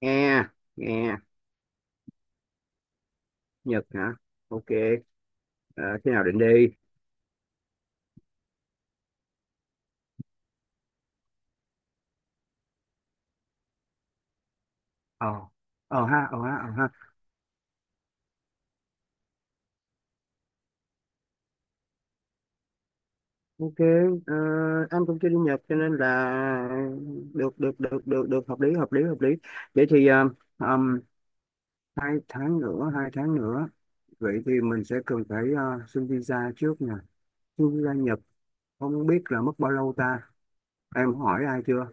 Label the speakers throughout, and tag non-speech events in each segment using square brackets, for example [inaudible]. Speaker 1: Nghe nghe Nhật hả? Ok. Ờ, Khi nào định đi? Ờ ờ ha ờ ha ờ ha Ok. ờ, anh cũng chưa đi Nhật cho nên là được, được, được, được, được, hợp lý, hợp lý, hợp lý. Vậy thì ừm, 2 tháng nữa, hai tháng nữa, vậy thì mình sẽ cần phải xin visa trước nè, xin visa Nhật. Không biết là mất bao lâu ta? Em hỏi ai chưa?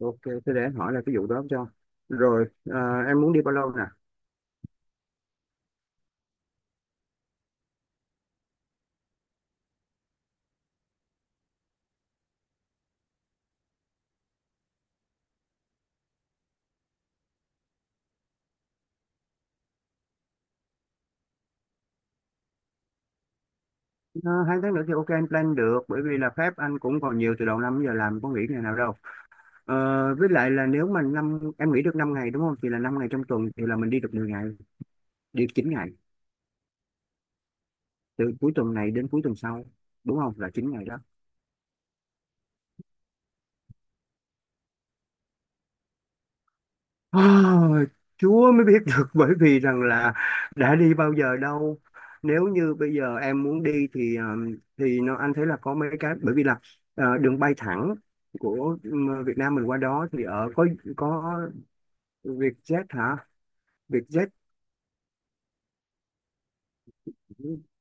Speaker 1: Ok, thế để em hỏi là cái vụ đó cho. Rồi em muốn đi bao lâu? Ờ, hai tháng nữa thì ok, anh plan được, bởi vì là phép anh cũng còn nhiều, từ đầu năm giờ làm có nghỉ ngày nào đâu. Ờ, với lại là nếu mà năm em nghỉ được 5 ngày đúng không, thì là 5 ngày trong tuần thì là mình đi được 10 ngày, đi 9 ngày, từ cuối tuần này đến cuối tuần sau, đúng không, là 9 ngày đó. Ôi, Chúa mới biết được, bởi vì rằng là đã đi bao giờ đâu. Nếu như bây giờ em muốn đi thì thì nó anh thấy là có mấy cái, bởi vì là đường bay thẳng của Việt Nam mình qua đó thì có. Có Vietjet hả? Vietjet.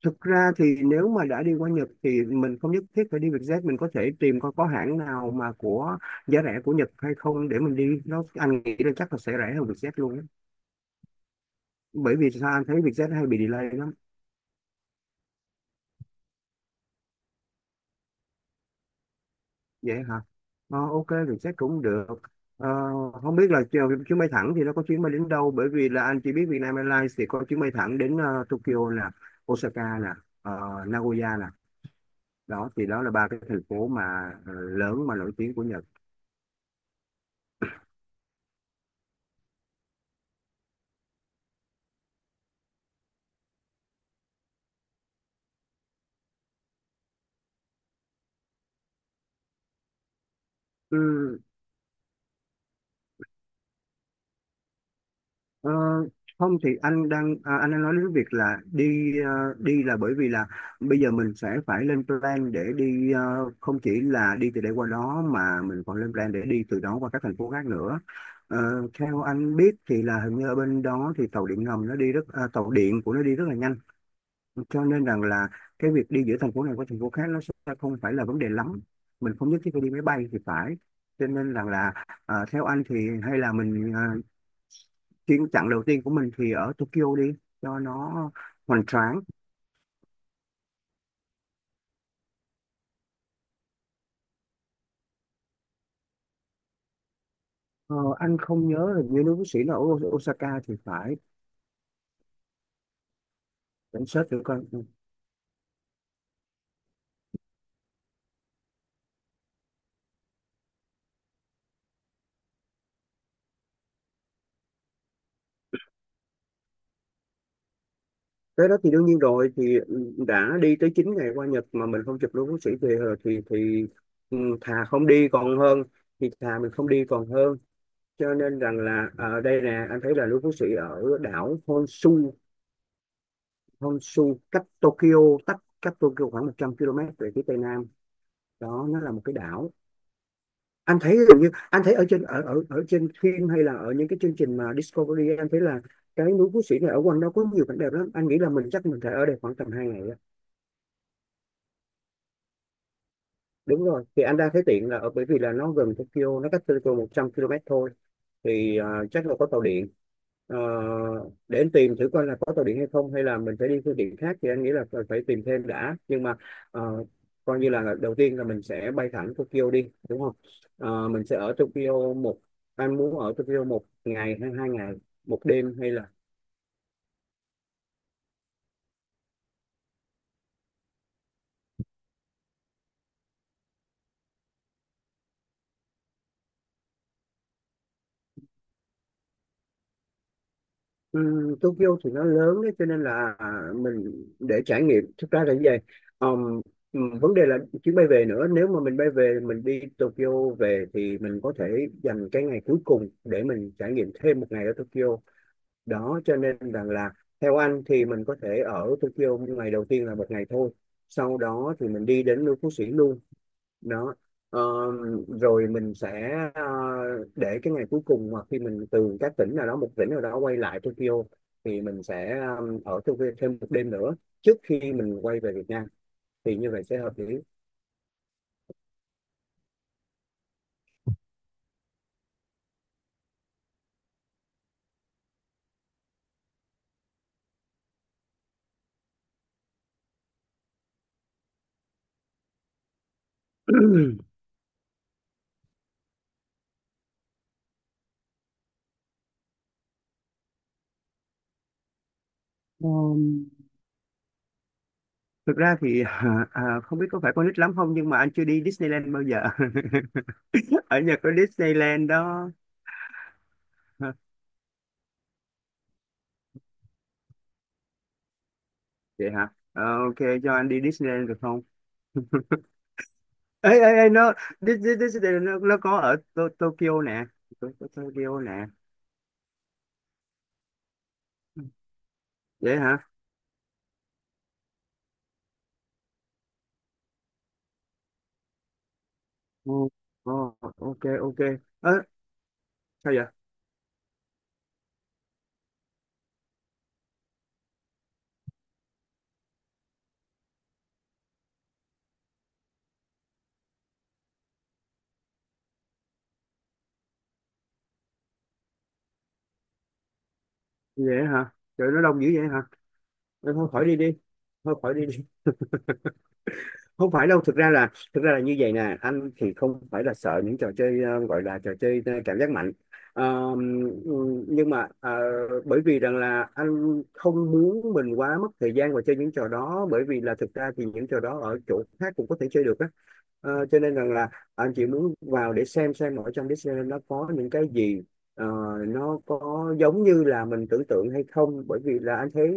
Speaker 1: Thực ra thì nếu mà đã đi qua Nhật thì mình không nhất thiết phải đi Vietjet, mình có thể tìm coi có hãng nào mà của giá rẻ của Nhật hay không để mình đi, nó anh nghĩ là chắc là sẽ rẻ hơn Vietjet luôn á. Bởi vì sao? Anh thấy Vietjet hay bị delay lắm. Vậy hả? Ờ, ok Vietjet cũng được. Ờ, không biết là chuyến bay thẳng thì nó có chuyến bay đến đâu, bởi vì là anh chỉ biết Vietnam Airlines thì có chuyến bay thẳng đến Tokyo nè, Osaka nè, ờ, Nagoya nè. Đó thì đó là ba cái thành phố mà lớn mà nổi tiếng của Nhật. Ừ, Ờ, không thì anh đang anh đang nói đến việc là đi đi là bởi vì là bây giờ mình sẽ phải lên plan để đi, không chỉ là đi từ đây qua đó mà mình còn lên plan để đi từ đó qua các thành phố khác nữa. Ờ, theo anh biết thì là hình như ở bên đó thì tàu điện ngầm nó đi rất tàu điện của nó đi rất là nhanh, cho nên rằng là cái việc đi giữa thành phố này qua thành phố khác nó sẽ không phải là vấn đề lắm, mình không nhất thiết phải đi máy bay thì phải. Cho nên rằng là theo anh thì hay là mình chặng đầu tiên của mình thì ở Tokyo đi cho nó hoành tráng. Ờ, anh không nhớ là như nước bác sĩ là ở Osaka thì phải. Cảnh sát thử coi. Ừ. Tới đó thì đương nhiên rồi thì đã đi tới 9 ngày qua Nhật mà mình không chụp luôn bác sĩ về rồi thì... Ừ, thà không đi còn hơn, thì thà mình không đi còn hơn. Cho nên rằng là ở đây nè anh thấy là núi Phú Sĩ ở đảo Honshu. Honshu cách Tokyo, cách cách Tokyo khoảng 100 km về phía tây nam. Đó, nó là một cái đảo. Anh thấy gần như anh thấy ở trên ở ở ở trên phim hay là ở những cái chương trình mà Discovery, anh thấy là cái núi Phú Sĩ này ở quanh đó có nhiều cảnh đẹp lắm, anh nghĩ là mình chắc mình phải ở đây khoảng tầm 2 ngày á. Đúng rồi, thì anh đang thấy tiện là ở bởi vì là nó gần Tokyo, nó cách Tokyo 100 km thôi, thì chắc là có tàu điện. Ờ, để anh tìm thử coi là có tàu điện hay không, hay là mình phải đi phương tiện khác, thì anh nghĩ là phải phải tìm thêm đã, nhưng mà ờ, coi như là đầu tiên là mình sẽ bay thẳng Tokyo đi đúng không. Ờ, mình sẽ ở Tokyo một... Anh muốn ở Tokyo một ngày hay hai ngày, một đêm hay là... Tokyo thì nó lớn đấy cho nên là mình để trải nghiệm thực ra là như vậy. Ờm, vấn đề là chuyến bay về nữa, nếu mà mình bay về, mình đi Tokyo về thì mình có thể dành cái ngày cuối cùng để mình trải nghiệm thêm một ngày ở Tokyo đó. Cho nên rằng là theo anh thì mình có thể ở Tokyo ngày đầu tiên là một ngày thôi, sau đó thì mình đi đến Lưu Phú Sĩ luôn. Đó. Ờ, rồi mình sẽ để cái ngày cuối cùng, hoặc khi mình từ các tỉnh nào đó, một tỉnh nào đó quay lại Tokyo, thì mình sẽ ở Tokyo thêm một đêm nữa trước khi mình quay về Việt Nam, thì như vậy sẽ hợp lý. [clears throat] Ờ, thực ra thì [laughs] không biết có phải con nít lắm không nhưng mà anh chưa đi Disneyland bao giờ. [laughs] Ở Nhật có Disneyland đó. Vậy hả? Ờ, ok. Cho anh đi Disneyland được không? Ê ê ê, nó... Disneyland nó có ở Tokyo nè. Tokyo nè. Vậy hả? Ồ, ồ, ok ok. Ơ, sao vậy? Vậy hả? Trời, nó đông dữ vậy hả? Ê, thôi khỏi đi đi, thôi khỏi đi. Không phải đâu, thực ra là, thực ra là như vậy nè, anh thì không phải là sợ những trò chơi, gọi là trò chơi cảm giác mạnh. Ờ, nhưng mà bởi vì rằng là anh không muốn mình quá mất thời gian vào chơi những trò đó, bởi vì là thực ra thì những trò đó ở chỗ khác cũng có thể chơi được á. Ờ, cho nên rằng là anh chỉ muốn vào để xem ở trong Disneyland nó có những cái gì, ờ, nó có giống như là mình tưởng tượng hay không, bởi vì là anh thấy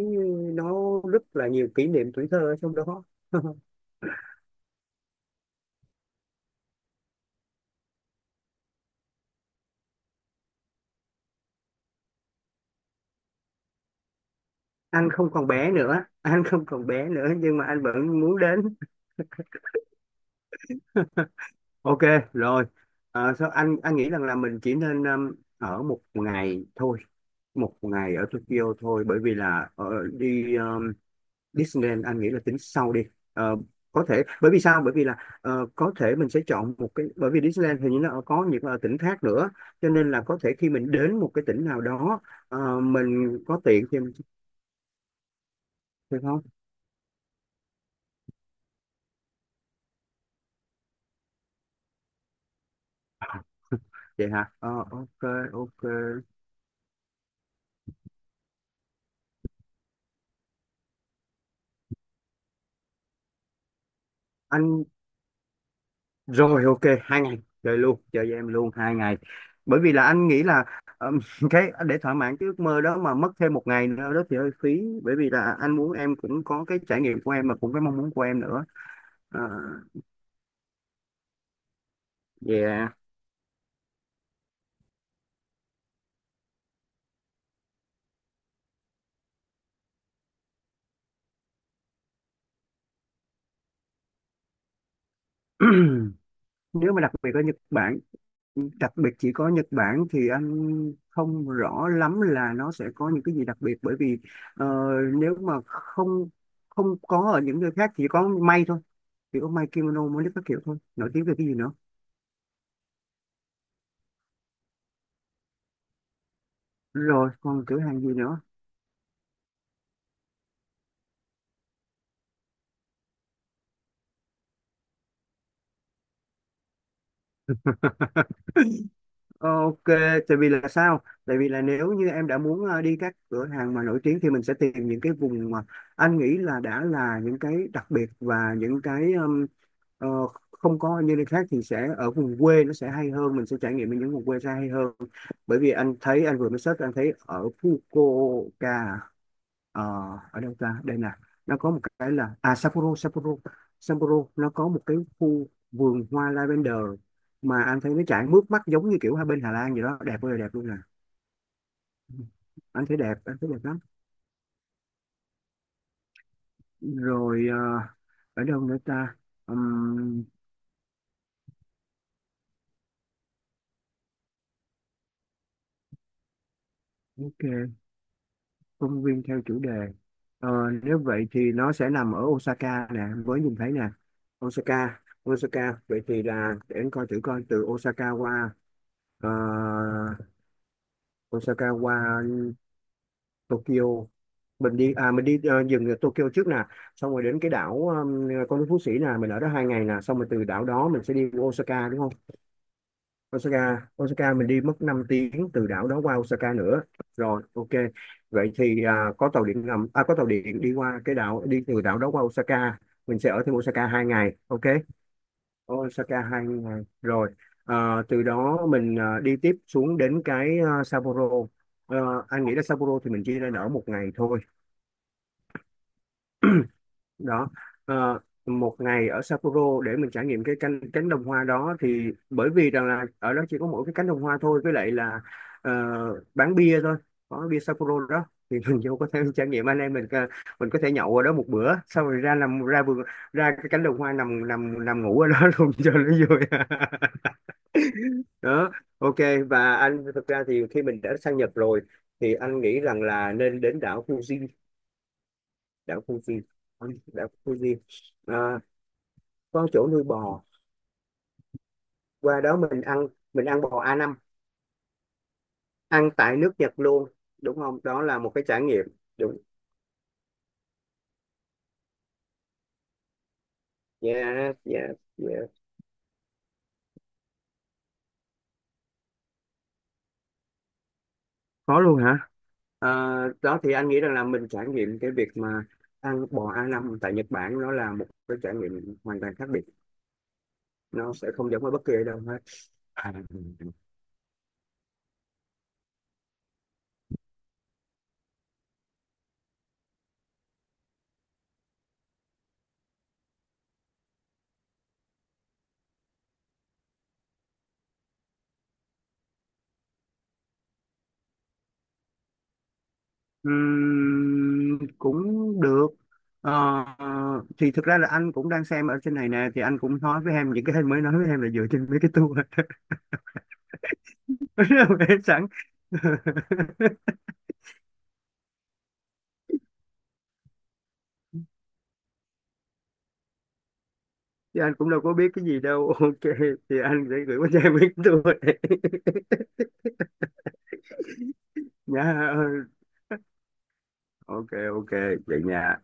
Speaker 1: nó rất là nhiều kỷ niệm tuổi thơ ở trong đó. [laughs] Anh không còn bé nữa, anh không còn bé nữa, nhưng mà anh vẫn muốn đến. Ok, rồi. Ờ, sao anh nghĩ rằng là mình chỉ nên ở một ngày thôi, một ngày ở Tokyo thôi, bởi vì là đi Disneyland anh nghĩ là tính sau đi. Ờ, có thể, bởi vì sao, bởi vì là có thể mình sẽ chọn một cái, bởi vì Disneyland hình như nó có những tỉnh khác nữa, cho nên là có thể khi mình đến một cái tỉnh nào đó, mình có tiện thì mình thì thôi. Vậy hả? Ờ, ok ok. Anh... Rồi ok, hai ngày chơi luôn, chơi với em luôn 2 ngày. Bởi vì là anh nghĩ là ừm, [laughs] cái để thỏa mãn cái ước mơ đó mà mất thêm một ngày nữa đó thì hơi phí. Bởi vì là anh muốn em cũng có cái trải nghiệm của em mà cũng cái mong muốn của em nữa. À, yeah. [clears throat] Nếu mà đặc biệt ở Nhật Bản, đặc biệt chỉ có Nhật Bản thì anh không rõ lắm là nó sẽ có những cái gì đặc biệt. Bởi vì ờ, nếu mà không không có ở những nơi khác, chỉ có may thôi, chỉ có may kimono mới các kiểu thôi. Nổi tiếng về cái gì nữa? Rồi còn cửa hàng gì nữa? Ờ, ok, tại vì là sao, tại vì là nếu như em đã muốn đi các cửa hàng mà nổi tiếng thì mình sẽ tìm những cái vùng mà anh nghĩ là đã là những cái đặc biệt và những cái ờ, không có như nơi khác thì sẽ ở vùng quê nó sẽ hay hơn, mình sẽ trải nghiệm ở những vùng quê sẽ hay hơn, bởi vì anh thấy anh vừa mới search anh thấy ở Fukuoka, ờ, ở đâu ta đây nè, nó có một cái là Sapporo. Sapporo, Sapporo nó có một cái khu vườn hoa lavender mà anh thấy nó chảy mướt mắt giống như kiểu hai bên Hà Lan vậy đó, đẹp ơi là đẹp luôn nè. Anh thấy đẹp, anh thấy đẹp lắm. Rồi ở đâu nữa ta? Ừm, ok, công viên theo chủ đề. Ờ, nếu vậy thì nó sẽ nằm ở Osaka nè với nhìn thấy nè. Osaka, Osaka, vậy thì là để anh coi thử coi từ Osaka qua ờ, Osaka qua Tokyo, mình đi mình đi dừng ở Tokyo trước nè, xong rồi đến cái đảo Con nước Phú Sĩ nè, mình ở đó 2 ngày nè, xong rồi từ đảo đó mình sẽ đi Osaka đúng không. Osaka, Osaka mình đi mất 5 tiếng từ đảo đó qua Osaka nữa. Rồi ok. Vậy thì có tàu điện ngầm, có tàu điện đi qua cái đảo, đi từ đảo đó qua Osaka, mình sẽ ở thêm Osaka 2 ngày, ok. Osaka hai ngày. Rồi. Ờ, từ đó mình đi tiếp xuống đến cái Sapporo. Ờ, anh nghĩ là Sapporo thì mình chỉ nên ở một ngày thôi. Đó. Ờ, một ngày ở Sapporo để mình trải nghiệm cái cánh cánh đồng hoa đó, thì bởi vì rằng là ở đó chỉ có mỗi cái cánh đồng hoa thôi, với lại là ờ, bán bia thôi, có bia Sapporo đó thì mình vô có thể [laughs] trải nghiệm anh em mình, mình có thể nhậu ở đó một bữa, xong rồi ra nằm ra vườn, ra cái cánh đồng hoa nằm nằm nằm ngủ ở đó [laughs] luôn cho nó vui. Đó, ok. Và anh thực ra thì khi mình đã sang Nhật rồi thì anh nghĩ rằng là nên đến đảo Fuji. Đảo Fuji. Ừ, đảo Fuji. À, có chỗ nuôi bò, qua đó mình ăn, mình ăn bò A5 ăn tại nước Nhật luôn, đúng không, đó là một cái trải nghiệm. Đúng. Yeah, yeah, yeah. Có luôn hả? À, đó thì anh nghĩ rằng là mình trải nghiệm cái việc mà ăn bò a năm tại Nhật Bản nó là một cái trải nghiệm hoàn toàn khác biệt, nó sẽ không giống ở bất kỳ ở đâu hết. À, ừm, cũng được. Ờ, thì thực ra là anh cũng đang xem ở trên này nè thì anh cũng nói với em những cái anh mới nói với em là dựa trên mấy cái tour. [laughs] Em sẵn. [laughs] Thì anh cũng đâu có biết cái gì đâu. [laughs] Ok, thì anh sẽ gửi qua cho em mấy cái tour này. [laughs] Nha, ok, ok, vậy nha.